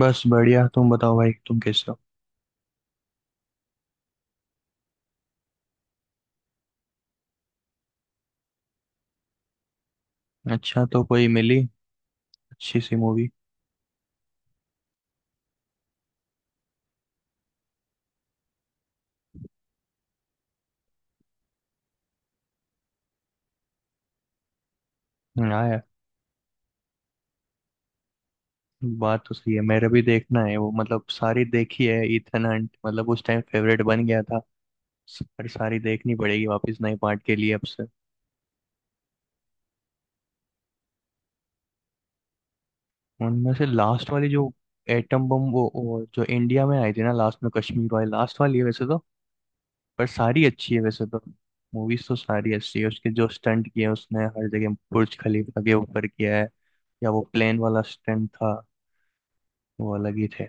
बस बढ़िया। तुम बताओ भाई, तुम कैसे हो? अच्छा, तो कोई मिली अच्छी सी मूवी? हाँ यार, बात तो सही है। मेरा भी देखना है वो, मतलब सारी देखी है इथन हंट, मतलब उस टाइम फेवरेट बन गया था। पर सारी देखनी पड़ेगी वापस नए पार्ट के लिए अब से। उनमें से लास्ट वाली जो एटम बम, वो जो इंडिया में आई थी ना, लास्ट में कश्मीर वाली, लास्ट वाली है वैसे तो। पर सारी अच्छी है वैसे तो। मूवीज तो सारी अच्छी है, उसके जो स्टंट किए उसने हर जगह, बुर्ज खलीफा के ऊपर किया है या वो प्लेन वाला स्टंट था, वो अलग ही थे।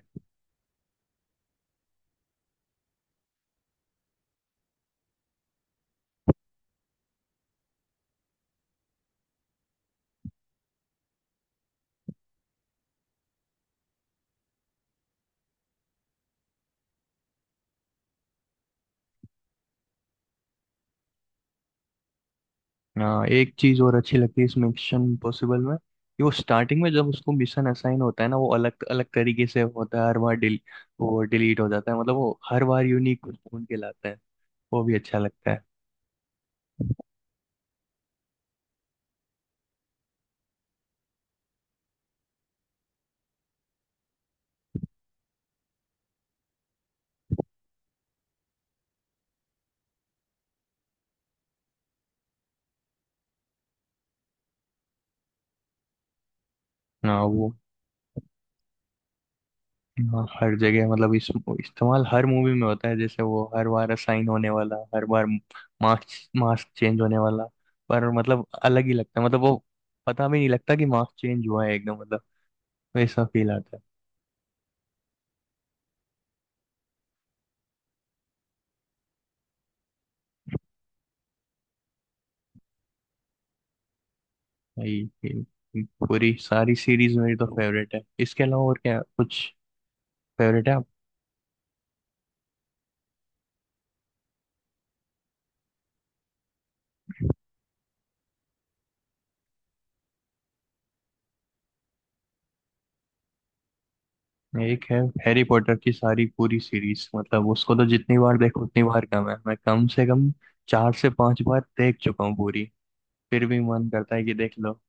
हाँ, एक चीज और अच्छी लगती है इस मिशन इम्पॉसिबल में, कि वो स्टार्टिंग में जब उसको मिशन असाइन होता है ना, वो अलग अलग तरीके से होता है हर बार। डिल वो डिलीट हो जाता है, मतलब वो हर बार यूनिक कुछ ढूंढ के लाता है। वो भी अच्छा लगता है। हाँ वो। हाँ, हर जगह, मतलब इस वो इस्तेमाल हर मूवी में होता है, जैसे वो हर बार असाइन होने वाला, हर बार मार्क्स मार्क्स चेंज होने वाला। पर मतलब अलग ही लगता है, मतलब वो पता भी नहीं लगता कि मार्क्स चेंज हुआ है एकदम, मतलब वैसा फील आता है। भाई, ये पूरी सारी सीरीज मेरी तो फेवरेट है। इसके अलावा और क्या कुछ फेवरेट है आप? एक है हैरी पॉटर की सारी पूरी सीरीज, मतलब उसको तो जितनी बार देखो उतनी बार कम है। मैं कम से कम चार से पांच बार देख चुका हूँ पूरी, फिर भी मन करता है कि देख लो।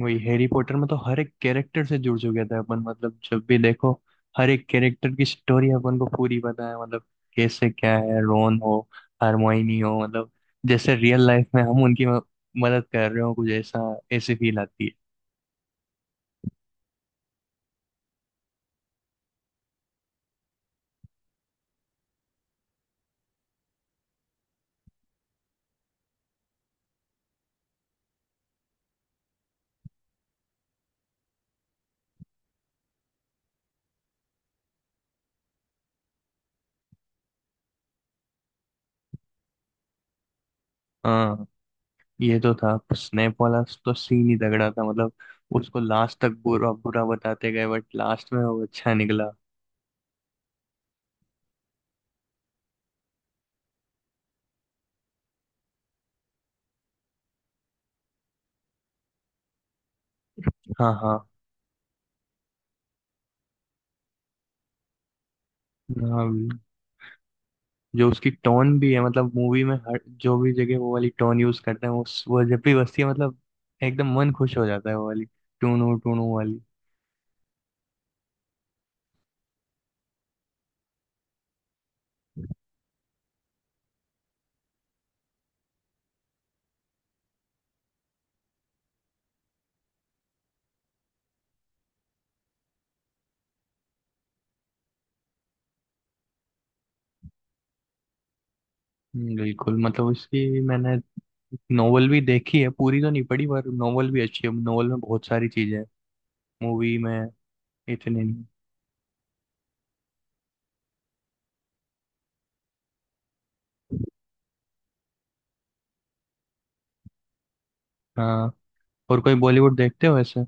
वही, हैरी पॉटर में तो हर एक कैरेक्टर से जुड़ चुके थे अपन, मतलब जब भी देखो, हर एक कैरेक्टर की स्टोरी अपन को पूरी पता है, मतलब कैसे क्या है, रोन हो, हरमाइनी हो, मतलब जैसे रियल लाइफ में हम उनकी मदद कर रहे हो, कुछ ऐसा ऐसी फील आती है। हाँ, ये तो था स्नेप वाला तो सीन ही तगड़ा था, मतलब उसको लास्ट तक बुरा बुरा बताते गए, बट लास्ट में वो अच्छा निकला। हाँ, हाँ, हाँ, जो उसकी टोन भी है, मतलब मूवी में हर जो भी जगह वो वाली टोन यूज करते हैं, वो जब भी बजती है, मतलब एकदम मन खुश हो जाता है, वो वाली टूनू टूनू वाली। बिल्कुल, मतलब उसकी मैंने नोवेल भी देखी है, पूरी तो नहीं पढ़ी, पर नोवेल भी अच्छी है। नोवेल में बहुत सारी चीजें हैं, मूवी में इतनी नहीं। हाँ, और कोई बॉलीवुड देखते हो ऐसे?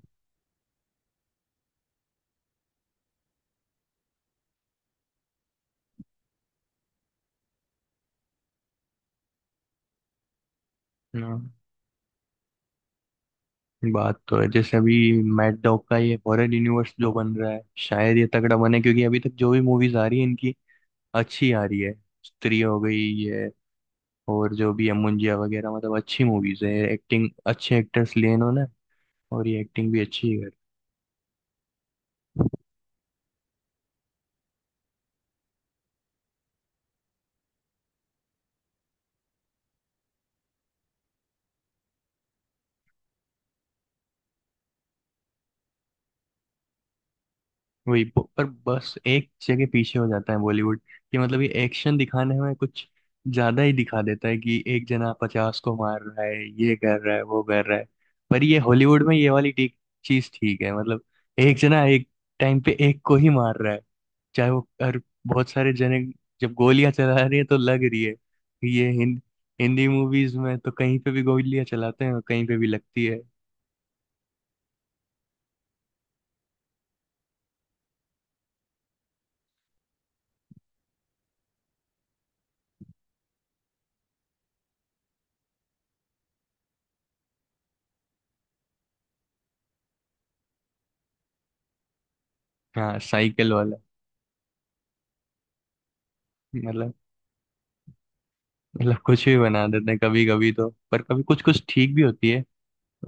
हाँ, बात तो है, जैसे अभी मैट डॉग का ये हॉरर यूनिवर्स जो बन रहा है, शायद ये तगड़ा बने, क्योंकि अभी तक जो भी मूवीज आ रही है इनकी, अच्छी आ रही है। स्त्री हो गई, ये, और जो भी है मुंजिया वगैरह, मतलब अच्छी मूवीज है। एक्टिंग, अच्छे एक्टर्स लिए इन्होंने, और ये एक्टिंग भी अच्छी है। वही पर बस एक जगह पीछे हो जाता है बॉलीवुड, कि मतलब ये एक्शन दिखाने में कुछ ज्यादा ही दिखा देता है, कि एक जना पचास को मार रहा है, ये कर रहा है, वो कर रहा है। पर ये हॉलीवुड में ये वाली ठीक चीज ठीक है, मतलब एक जना एक टाइम पे एक को ही मार रहा है, चाहे वो और बहुत सारे जने जब गोलियां चला रही है तो लग रही है। कि ये हिंदी मूवीज में तो कहीं पे भी गोलियां चलाते हैं और कहीं पे भी लगती है। हाँ, साइकिल वाला, मतलब मतलब कुछ भी बना देते हैं कभी कभी तो, पर कभी कुछ कुछ ठीक भी होती है।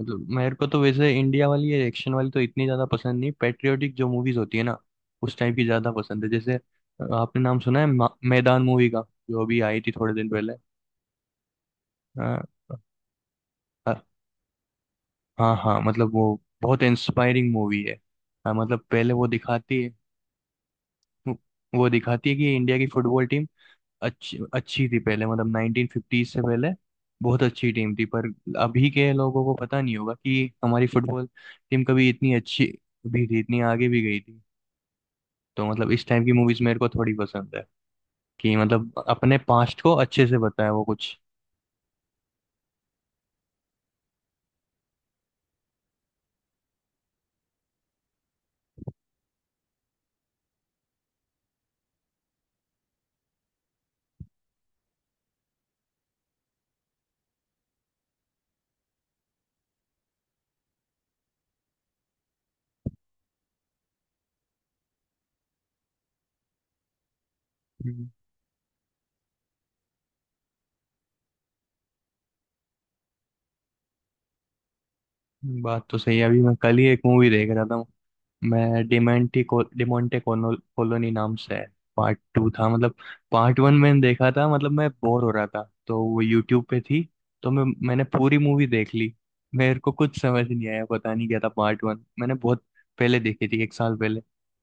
मतलब मेरे को तो वैसे इंडिया वाली ये एक्शन वाली तो इतनी ज्यादा पसंद नहीं, पेट्रियोटिक जो मूवीज होती है ना, उस टाइप की ज्यादा पसंद है। जैसे आपने नाम सुना है मैदान मूवी का, जो अभी आई थी थोड़े दिन पहले? हाँ, हाँ, हाँ, मतलब वो बहुत इंस्पायरिंग मूवी है। हाँ, मतलब पहले वो दिखाती है, वो दिखाती है कि इंडिया की फुटबॉल टीम अच्छी अच्छी थी पहले, मतलब 1950 से पहले बहुत अच्छी टीम थी। पर अभी के लोगों को पता नहीं होगा कि हमारी फुटबॉल टीम कभी इतनी अच्छी भी थी, इतनी आगे भी गई थी। तो मतलब इस टाइम की मूवीज मेरे को थोड़ी पसंद है, कि मतलब अपने पास्ट को अच्छे से बताया वो कुछ। हम्म, बात तो सही है। अभी मैं कल ही एक मूवी देख रहा था। मैं डिमेंटी को, डिमोंटे कोनो कॉलोनी नाम से है, पार्ट टू था, मतलब पार्ट वन मैंने देखा था, मतलब मैं बोर हो रहा था तो वो यूट्यूब पे थी, तो मैं मैंने पूरी मूवी देख ली। मेरे को कुछ समझ नहीं आया, पता नहीं क्या था पार्ट वन। मैंने बहुत पहले देखी थी, एक साल पहले,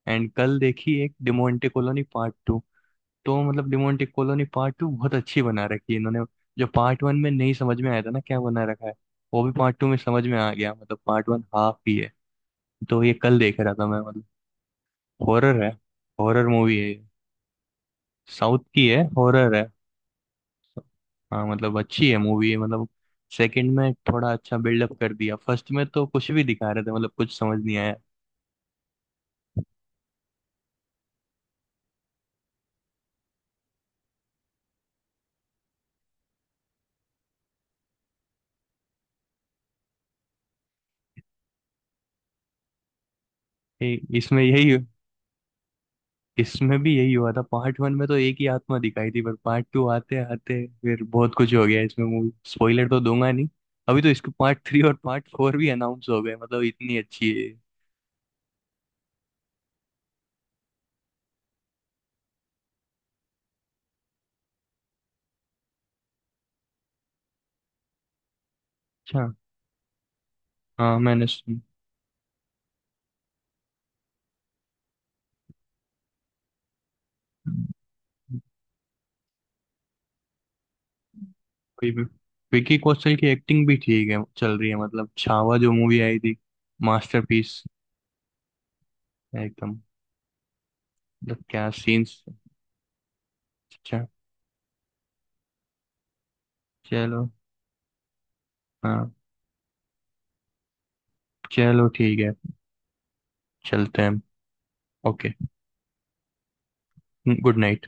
एंड कल देखी एक डिमोंटे कॉलोनी पार्ट टू। तो मतलब डिमोंटे कॉलोनी पार्ट टू बहुत अच्छी बना रखी है इन्होंने। जो पार्ट वन में नहीं समझ में आया था ना क्या बना रखा है, वो भी पार्ट टू में समझ में आ गया, मतलब पार्ट वन हाफ ही है। तो ये कल देख रहा था मैं, मतलब हॉरर है। हॉरर मूवी है, साउथ की है, हॉरर है। हाँ, मतलब अच्छी है, मूवी है, मतलब सेकंड में थोड़ा अच्छा बिल्डअप कर दिया, फर्स्ट में तो कुछ भी दिखा रहे थे, मतलब कुछ समझ नहीं आया। ए, इसमें यही, इसमें भी यही हुआ था। पार्ट वन में तो एक ही आत्मा दिखाई थी, पर पार्ट टू आते आते फिर बहुत कुछ हो गया इसमें। मूवी स्पॉइलर तो दूंगा नहीं। अभी तो इसके पार्ट थ्री और पार्ट फोर भी अनाउंस हो गए, मतलब इतनी अच्छी है ये। अच्छा, हाँ मैंने सुन, वही विकी कौशल की एक्टिंग भी ठीक है, चल रही है। मतलब छावा जो मूवी आई थी, मास्टरपीस है एकदम, मतलब क्या सीन्स। अच्छा, चलो। हाँ, चलो ठीक है, चलते हैं। Okay, good night.